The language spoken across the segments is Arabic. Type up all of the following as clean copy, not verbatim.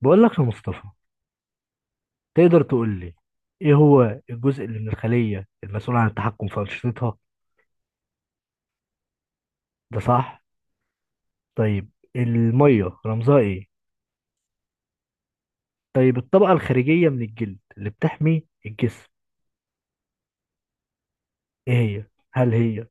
بقول لك يا مصطفى، تقدر تقول لي ايه هو الجزء اللي من الخلية المسؤول عن التحكم في أنشطتها؟ ده صح. طيب، المية رمزها ايه؟ طيب، الطبقة الخارجية من الجلد اللي بتحمي الجسم ايه هي؟ هل هي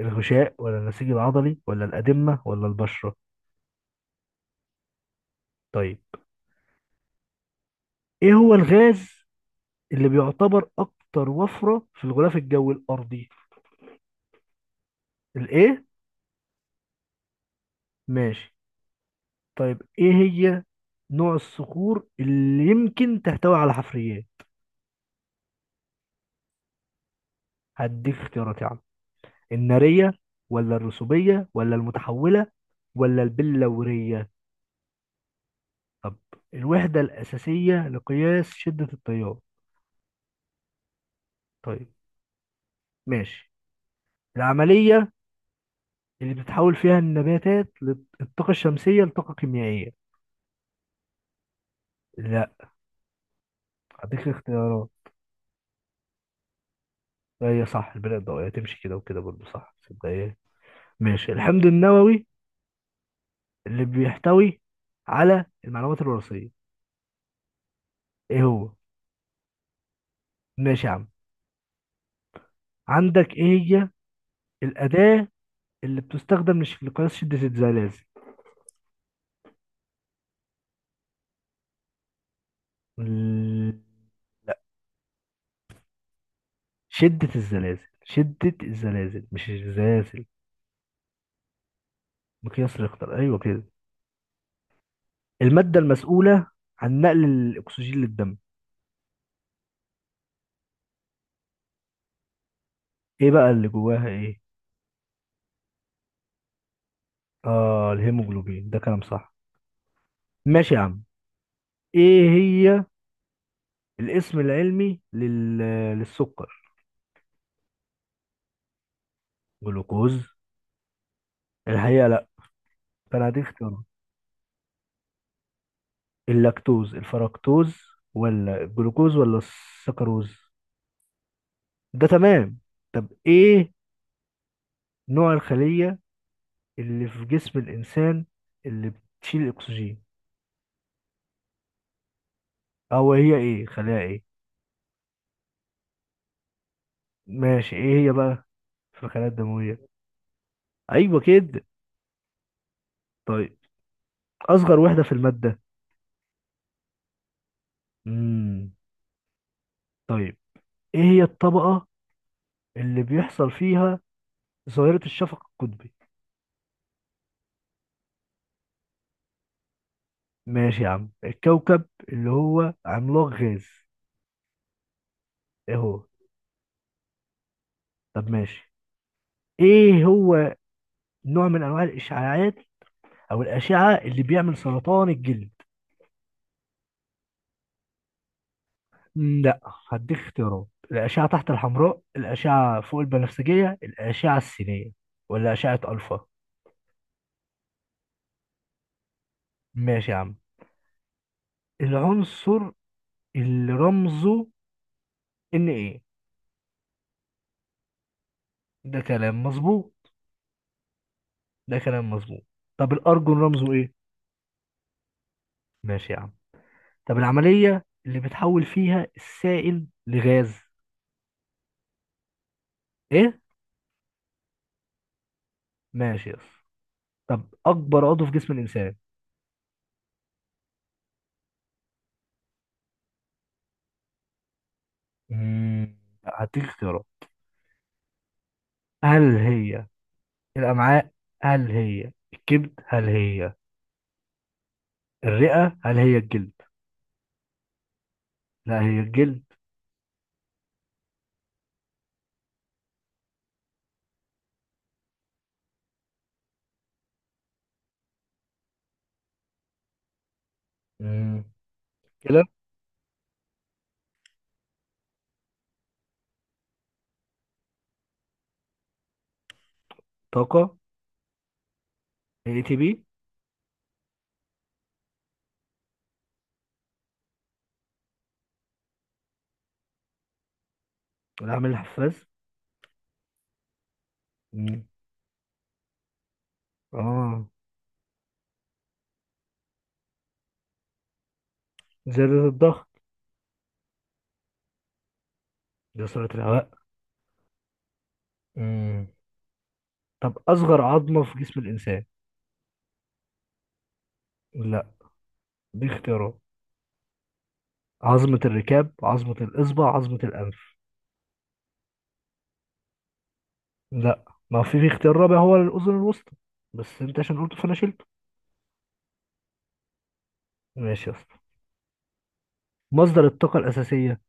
الغشاء ولا النسيج العضلي ولا الأدمة ولا البشرة؟ طيب، ايه هو الغاز اللي بيعتبر اكتر وفرة في الغلاف الجوي الأرضي؟ الايه؟ ماشي. طيب ايه هي نوع الصخور اللي يمكن تحتوي على حفريات؟ هديك اختيارات يا عم: النارية ولا الرسوبية ولا المتحولة ولا البلورية؟ طب الوحدة الأساسية لقياس شدة التيار؟ طيب، ماشي. العملية اللي بتتحول فيها النباتات للطاقة الشمسية لطاقة كيميائية؟ لا، هديك اختيارات. هي صح البناء الضوئية، تمشي كده وكده برضه صح. صدق ايه؟ ماشي. الحمض النووي اللي بيحتوي على المعلومات الوراثية ايه هو؟ ماشي يا عم. عندك ايه هي الأداة اللي بتستخدم لقياس شدة الزلازل؟ ال- شدة الزلازل، شدة الزلازل، مش الزلازل. مقياس ريختر، أيوة كده. المادة المسؤولة عن نقل الأكسجين للدم؟ إيه بقى اللي جواها إيه؟ آه، الهيموجلوبين، ده كلام صح. ماشي يا عم. إيه هي الاسم العلمي لل... للسكر؟ جلوكوز؟ الحقيقة لأ، فأنا هديك اختيارات: اللاكتوز، الفركتوز، ولا الجلوكوز، ولا السكروز؟ ده تمام. طب ايه نوع الخلية اللي في جسم الإنسان اللي بتشيل الأكسجين؟ أو هي إيه، خلايا إيه؟ ماشي. إيه هي بقى في الخلايا الدموية؟ أيوة كده. طيب، أصغر وحدة في المادة؟ مم. طيب، إيه هي الطبقة اللي بيحصل فيها ظاهرة الشفق القطبي؟ ماشي يا عم. الكوكب اللي هو عملاق غاز إيه هو؟ طب ماشي. إيه هو نوع من أنواع الإشعاعات أو الأشعة اللي بيعمل سرطان الجلد؟ لا، هديك اختيارات: الأشعة تحت الحمراء، الأشعة فوق البنفسجية، الأشعة السينية، ولا أشعة ألفا؟ ماشي يا عم. العنصر اللي رمزه إن، إيه؟ ده كلام مظبوط، ده كلام مظبوط. طب الأرجون رمزه إيه؟ ماشي يا عم. طب العملية اللي بتحول فيها السائل لغاز؟ إيه؟ ماشي يا اسطى. طب أكبر عضو في جسم الإنسان؟ مم، لا، هديك اختيارات. هل هي الأمعاء، هل هي الكبد، هل هي الرئة، هل هي الجلد؟ لا، هي الجلد. مم. كلى. طاقة. اي تي بي. العامل الحفاز. مم. اه، زيادة الضغط. دي سرعة الهواء. مم. طب أصغر عظمة في جسم الإنسان؟ لا، دي اختيارات: عظمة الركاب، عظمة الإصبع، عظمة الأنف. لا، ما في اختيار رابع هو الأذن الوسطى، بس أنت عشان قلته فأنا شلته. ماشي يا اسطى. مصدر الطاقة الأساسية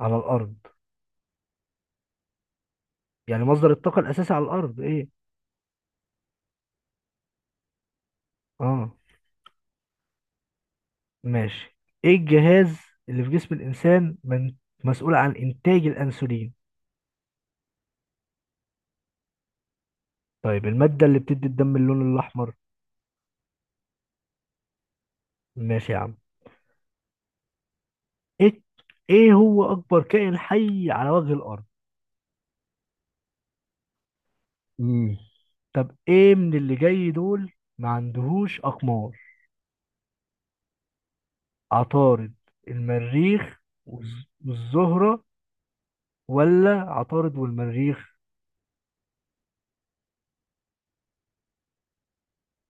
على الأرض. يعني مصدر الطاقة الأساسي على الأرض إيه؟ آه، ماشي. ايه الجهاز اللي في جسم الانسان من مسؤول عن انتاج الانسولين؟ طيب، المادة اللي بتدي الدم اللون الاحمر؟ ماشي يا عم. ايه ايه هو اكبر كائن حي على وجه الارض؟ مم. طب ايه من اللي جاي دول ما عندهوش اقمار؟ عطارد، المريخ والزهرة، ولا عطارد والمريخ؟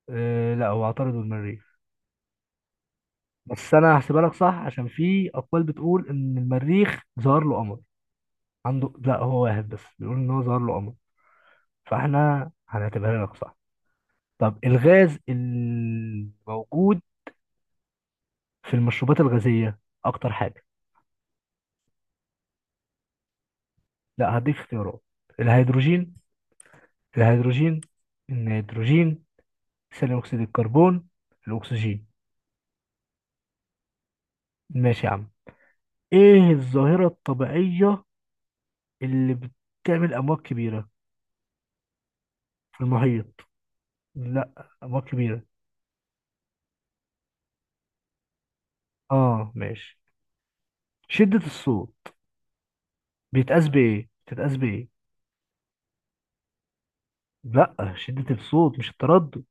آه لا، هو عطارد والمريخ، بس انا هحسبها لك صح عشان في اقوال بتقول ان المريخ ظهر له قمر. عنده، لا هو واحد بس، بيقول ان هو ظهر له قمر، فاحنا هنعتبرها لك صح. طب الغاز الموجود في المشروبات الغازية اكتر حاجة؟ لا، هديك اختيارات: الهيدروجين، الهيدروجين، النيتروجين، ثاني اكسيد الكربون، الاكسجين. ماشي يا عم. ايه الظاهرة الطبيعية اللي بتعمل امواج كبيرة في المحيط؟ لا، امواج كبيرة. اه ماشي. شدة الصوت بيتقاس بايه بتتقاس بايه؟ لا، شدة الصوت مش التردد.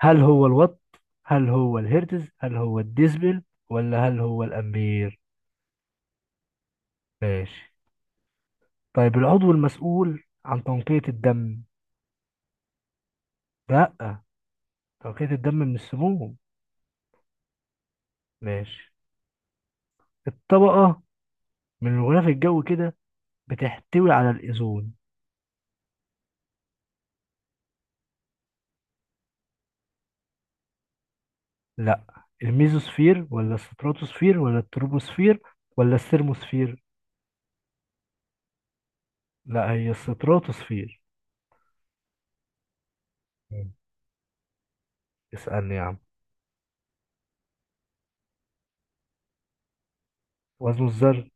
هل هو الوات، هل هو الهرتز، هل هو الديسبل، ولا هل هو الأمبير؟ ماشي. طيب، العضو المسؤول عن تنقية الدم؟ لا، تنقية الدم من السموم. ماشي. الطبقة من الغلاف الجوي كده بتحتوي على الأوزون؟ لا، الميزوسفير ولا الستراتوسفير ولا التروبوسفير ولا الثرموسفير؟ لا، هي الستراتوسفير. مم. اسألني يا عم. وزن الذر.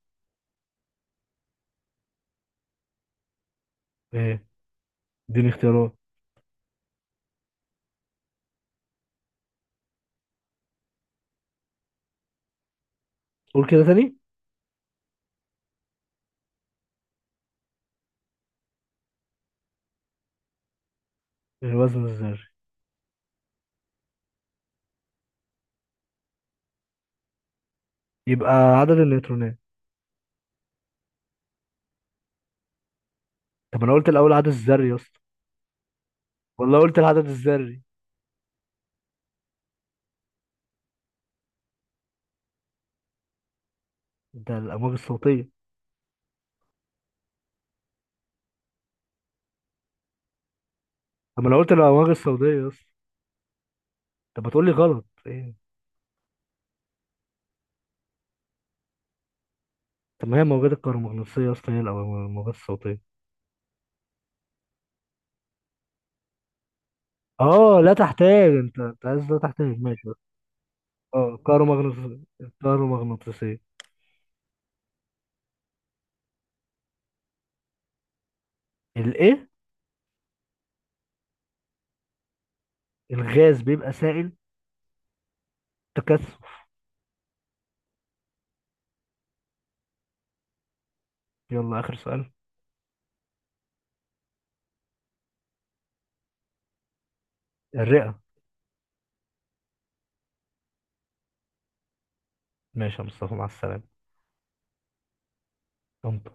ايه؟ اديني اختيارات. قول كده تاني. الوزن الذري. يبقى عدد النيوترونات. طب انا قلت الاول عدد الذري يا اسطى. والله قلت العدد الذري. ده الامواج الصوتيه. طب انا قلت الامواج الصوتيه يا اسطى. طب ما تقول لي غلط ايه. طب ما هي الموجات الكهرومغناطيسيه يا اسطى، هي الموجات الصوتيه. اه لا تحتاج، انت انت عايز لا تحتاج، ماشي. اه، كهرومغناطيسيه، الكهرومغناطيسيه. الايه؟ الغاز بيبقى سائل. تكثف. يلا اخر سؤال. الرئه. ماشي يا مصطفى، مع السلامه. انت